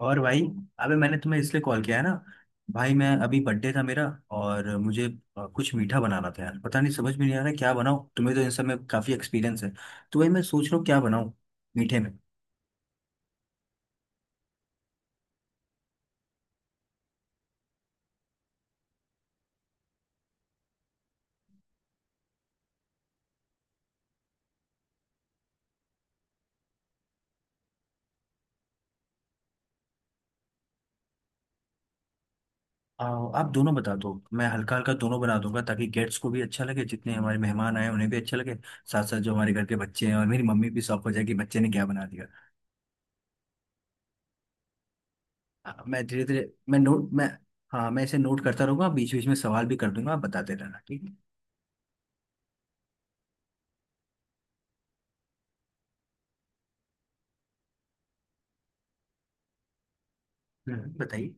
और भाई। अबे मैंने तुम्हें इसलिए कॉल किया है ना। भाई मैं अभी बर्थडे था मेरा। और मुझे कुछ मीठा बनाना था यार। पता नहीं समझ में नहीं आ रहा है क्या बनाऊँ। तुम्हें तो इन सब में काफ़ी एक्सपीरियंस है। तो भाई मैं सोच रहा हूँ क्या बनाऊँ मीठे में। आप दोनों बता दो, मैं हल्का हल्का दोनों बना दूंगा ताकि गेट्स को भी अच्छा लगे, जितने हमारे मेहमान आए उन्हें भी अच्छा लगे। साथ साथ जो हमारे घर के बच्चे हैं और मेरी मम्मी भी शौक हो जाए कि बच्चे ने क्या बना दिया। हाँ, मैं धीरे धीरे मैं नोट मैं हाँ, मैं इसे नोट करता रहूंगा, बीच बीच में सवाल भी कर दूंगा, आप बताते रहना ठीक है। बताइए।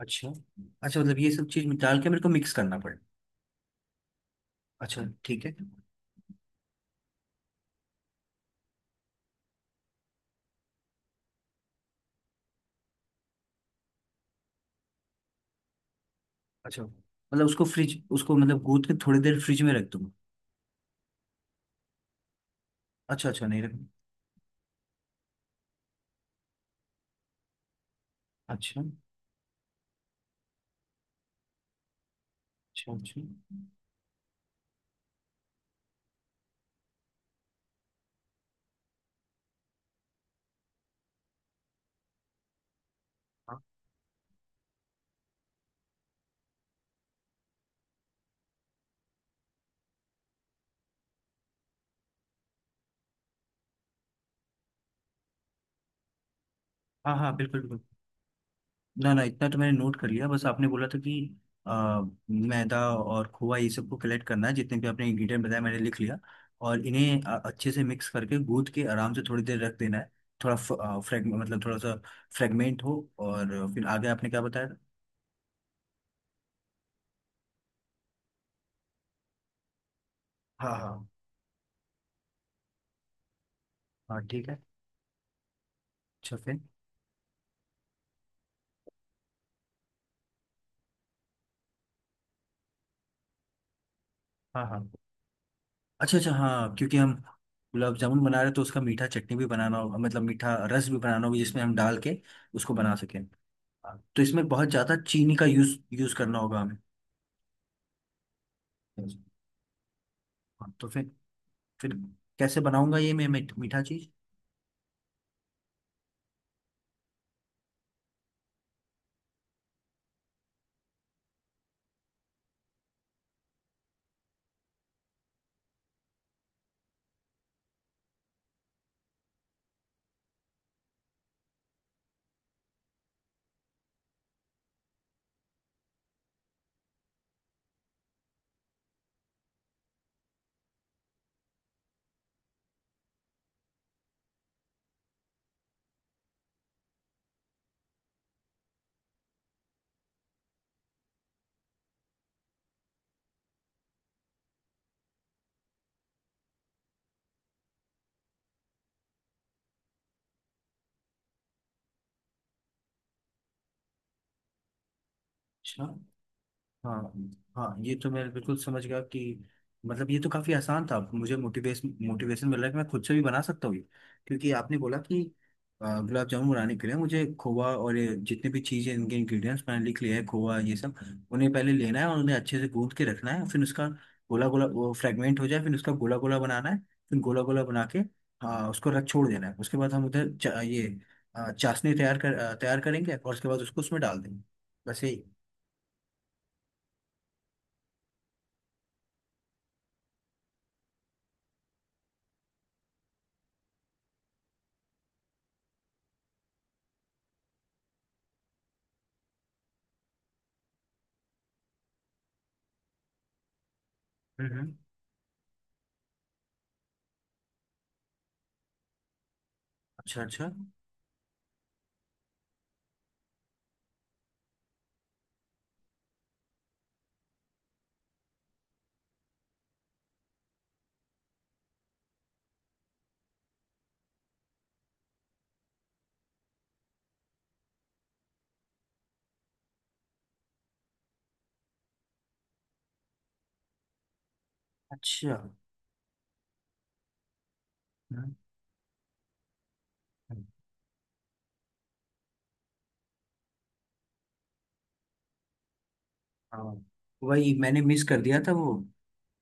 अच्छा अच्छा, मतलब ये सब चीज डाल के मेरे को मिक्स करना पड़े। अच्छा ठीक है। अच्छा, मतलब उसको फ्रिज, उसको मतलब गूंथ के थोड़ी देर फ्रिज में रख दूंगा। अच्छा अच्छा, नहीं रख। अच्छा। अच्छा अच्छा। हाँ। हाँ हाँ, बिल्कुल बिल्कुल। ना ना, इतना तो मैंने नोट कर लिया। बस आपने बोला था कि आ, मैदा और खोआ, ये सबको कलेक्ट करना है, जितने भी आपने इंग्रेडिएंट बताया मैंने लिख लिया। और इन्हें अच्छे से मिक्स करके गूंथ के आराम से थोड़ी देर रख देना है। थोड़ा फ्रेगमेंट, मतलब थोड़ा सा फ्रेगमेंट हो, और फिर आगे आपने क्या बताया था? हाँ हाँ। हाँ ठीक है। अच्छा फिर। हाँ हाँ। अच्छा अच्छा, हाँ, क्योंकि हम गुलाब जामुन बना रहे हैं तो उसका मीठा चटनी भी बनाना होगा, मतलब मीठा रस भी बनाना होगा जिसमें हम डाल के उसको बना सकें। हाँ, तो इसमें बहुत ज़्यादा चीनी का यूज यूज करना होगा हमें। हाँ, हाँ, तो फिर फिर कैसे बनाऊंगा ये मैं मीठा चीज़? अच्छा। हाँ हाँ, ये तो मैं बिल्कुल समझ गया कि मतलब ये तो काफ़ी आसान था। मुझे मोटिवेशन मोटिवेशन मिल रहा है कि मैं खुद से भी बना सकता हूँ ये। क्योंकि आपने बोला कि गुलाब जामुन बनाने के लिए मुझे खोवा और ये जितने भी चीज़ें, इनके इंग्रेडिएंट्स मैंने लिख लिए हैं, खोवा ये सब। उन्हें पहले लेना है और उन्हें अच्छे से गूंद के रखना है, फिर उसका गोला गोला वो फ्रेगमेंट हो जाए, फिर उसका गोला गोला बनाना है। फिर गोला गोला बना के, हाँ, उसको रख छोड़ देना है। उसके बाद हम उधर ये चाशनी तैयार करेंगे और उसके बाद उसको उसमें डाल देंगे, वैसे ही। हम्म। अच्छा अच्छा अच्छा। हाँ, वही मैंने मिस कर दिया था वो।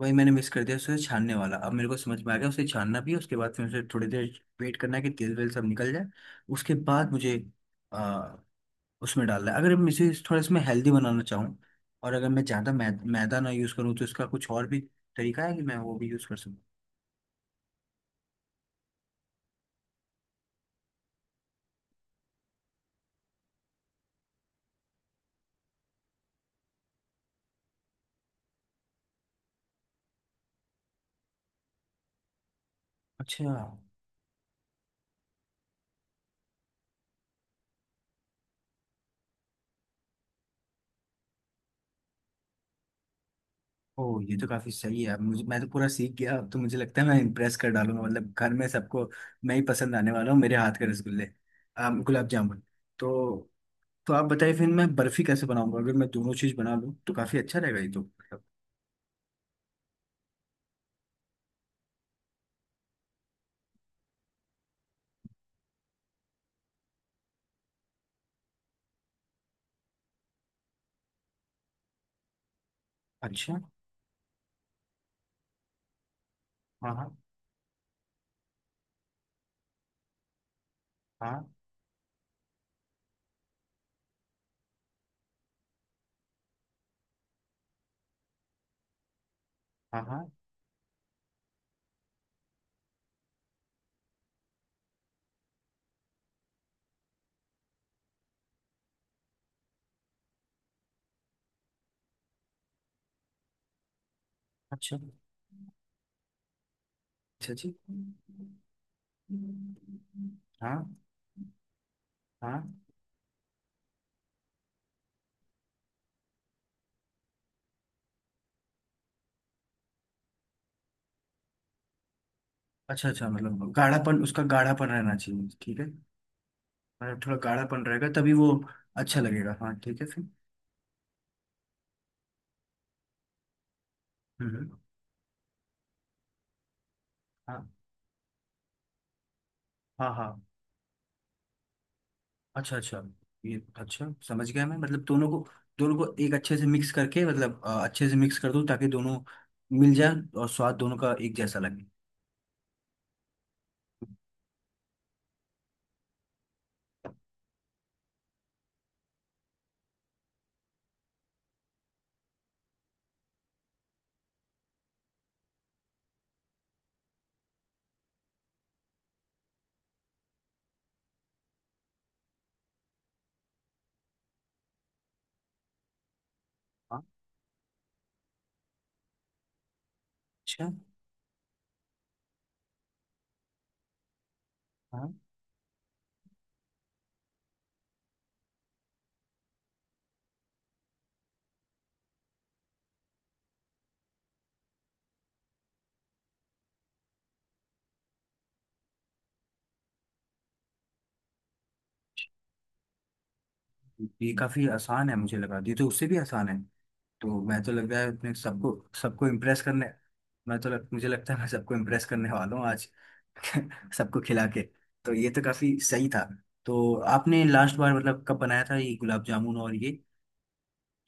वही मैंने मिस कर दिया, उसे छानने वाला, अब मेरे को समझ में आ गया। उसे छानना भी है, उसके बाद फिर उसे थोड़ी देर वेट करना है कि तेल वेल सब निकल जाए। उसके बाद मुझे आ, उसमें डालना है, अगर मैं इसे थोड़ा इसमें हेल्दी बनाना चाहूँ। और अगर मैं ज़्यादा मैदा ना यूज़ करूँ तो इसका कुछ और भी तरीका है कि मैं वो भी यूज़ कर सकूँ। अच्छा। ओह, ये तो काफी सही है। अब मुझे, मैं तो पूरा सीख गया। अब तो मुझे लगता है मैं इम्प्रेस कर डालूंगा, मतलब घर में सबको। मैं ही पसंद आने वाला हूँ, मेरे हाथ के रसगुल्ले, गुलाब जामुन। तो तो आप बताइए फिर मैं बर्फी कैसे बनाऊंगा? अगर मैं दोनों चीज बना लूँ तो काफी अच्छा रहेगा ये, तो मतलब। अच्छा। हाँ हाँ। हाँ हाँ हाँ। अच्छा अच्छा जी। हाँ हाँ। अच्छा अच्छा, मतलब गाढ़ापन, उसका गाढ़ापन रहना चाहिए, ठीक है। मतलब थोड़ा गाढ़ापन रहेगा तभी वो अच्छा लगेगा, हाँ, ठीक है फिर। हम्म। हाँ हाँ हाँ। अच्छा अच्छा, ये अच्छा समझ गया मैं, मतलब दोनों को। दोनों को एक अच्छे से मिक्स करके, मतलब अच्छे से मिक्स कर दूं ताकि दोनों मिल जाए, और स्वाद दोनों का एक जैसा लगे। हाँ, अच्छा, हाँ। ये काफी आसान है, मुझे लगा ये तो उससे भी आसान है। तो मैं तो लग रहा है अपने सबको, सबको इम्प्रेस करने। मुझे लगता है मैं सबको इम्प्रेस करने वाला हूँ आज। सबको खिला के। तो ये तो काफी सही था। तो आपने लास्ट बार मतलब कब बनाया था, ये गुलाब जामुन और ये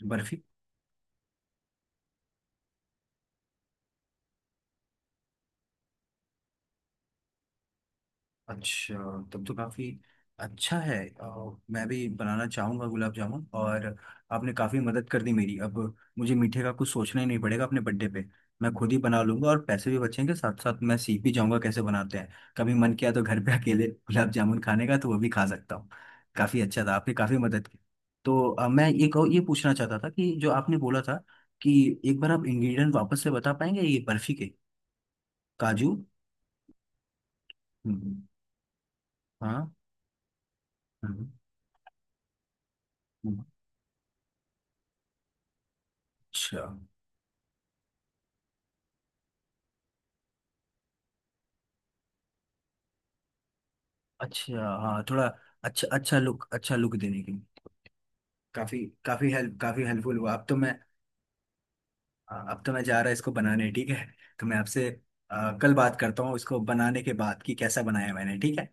बर्फी? अच्छा, तब तो काफी अच्छा है। मैं भी बनाना चाहूंगा गुलाब जामुन, और आपने काफी मदद कर दी मेरी। अब मुझे मीठे का कुछ सोचना ही नहीं पड़ेगा अपने बर्थडे पे। मैं खुद ही बना लूंगा और पैसे भी बचेंगे, साथ साथ मैं सीख भी जाऊंगा कैसे बनाते हैं। कभी मन किया तो घर पे अकेले गुलाब जामुन खाने का, तो वो भी खा सकता हूँ। काफी अच्छा था, आपने काफी मदद की। तो मैं ये कहो ये पूछना चाहता था कि जो आपने बोला था कि एक बार आप इंग्रेडिएंट वापस से बता पाएंगे, ये बर्फी के काजू। हम्म। हाँ। हम्म। हम्म। अच्छा। अच्छा, हाँ, थोड़ा। अच्छा, अच्छा लुक देने के लिए। काफी। काफी हेल्प काफी हेल्पफुल हुआ, अब तो मैं। अब तो मैं जा रहा इसको बनाने, ठीक है। तो मैं आपसे कल बात करता हूँ इसको बनाने के बाद कि कैसा बनाया मैंने, ठीक है।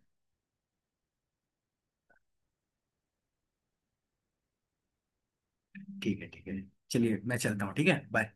ठीक है, ठीक है। चलिए मैं चलता हूँ, ठीक है, बाय।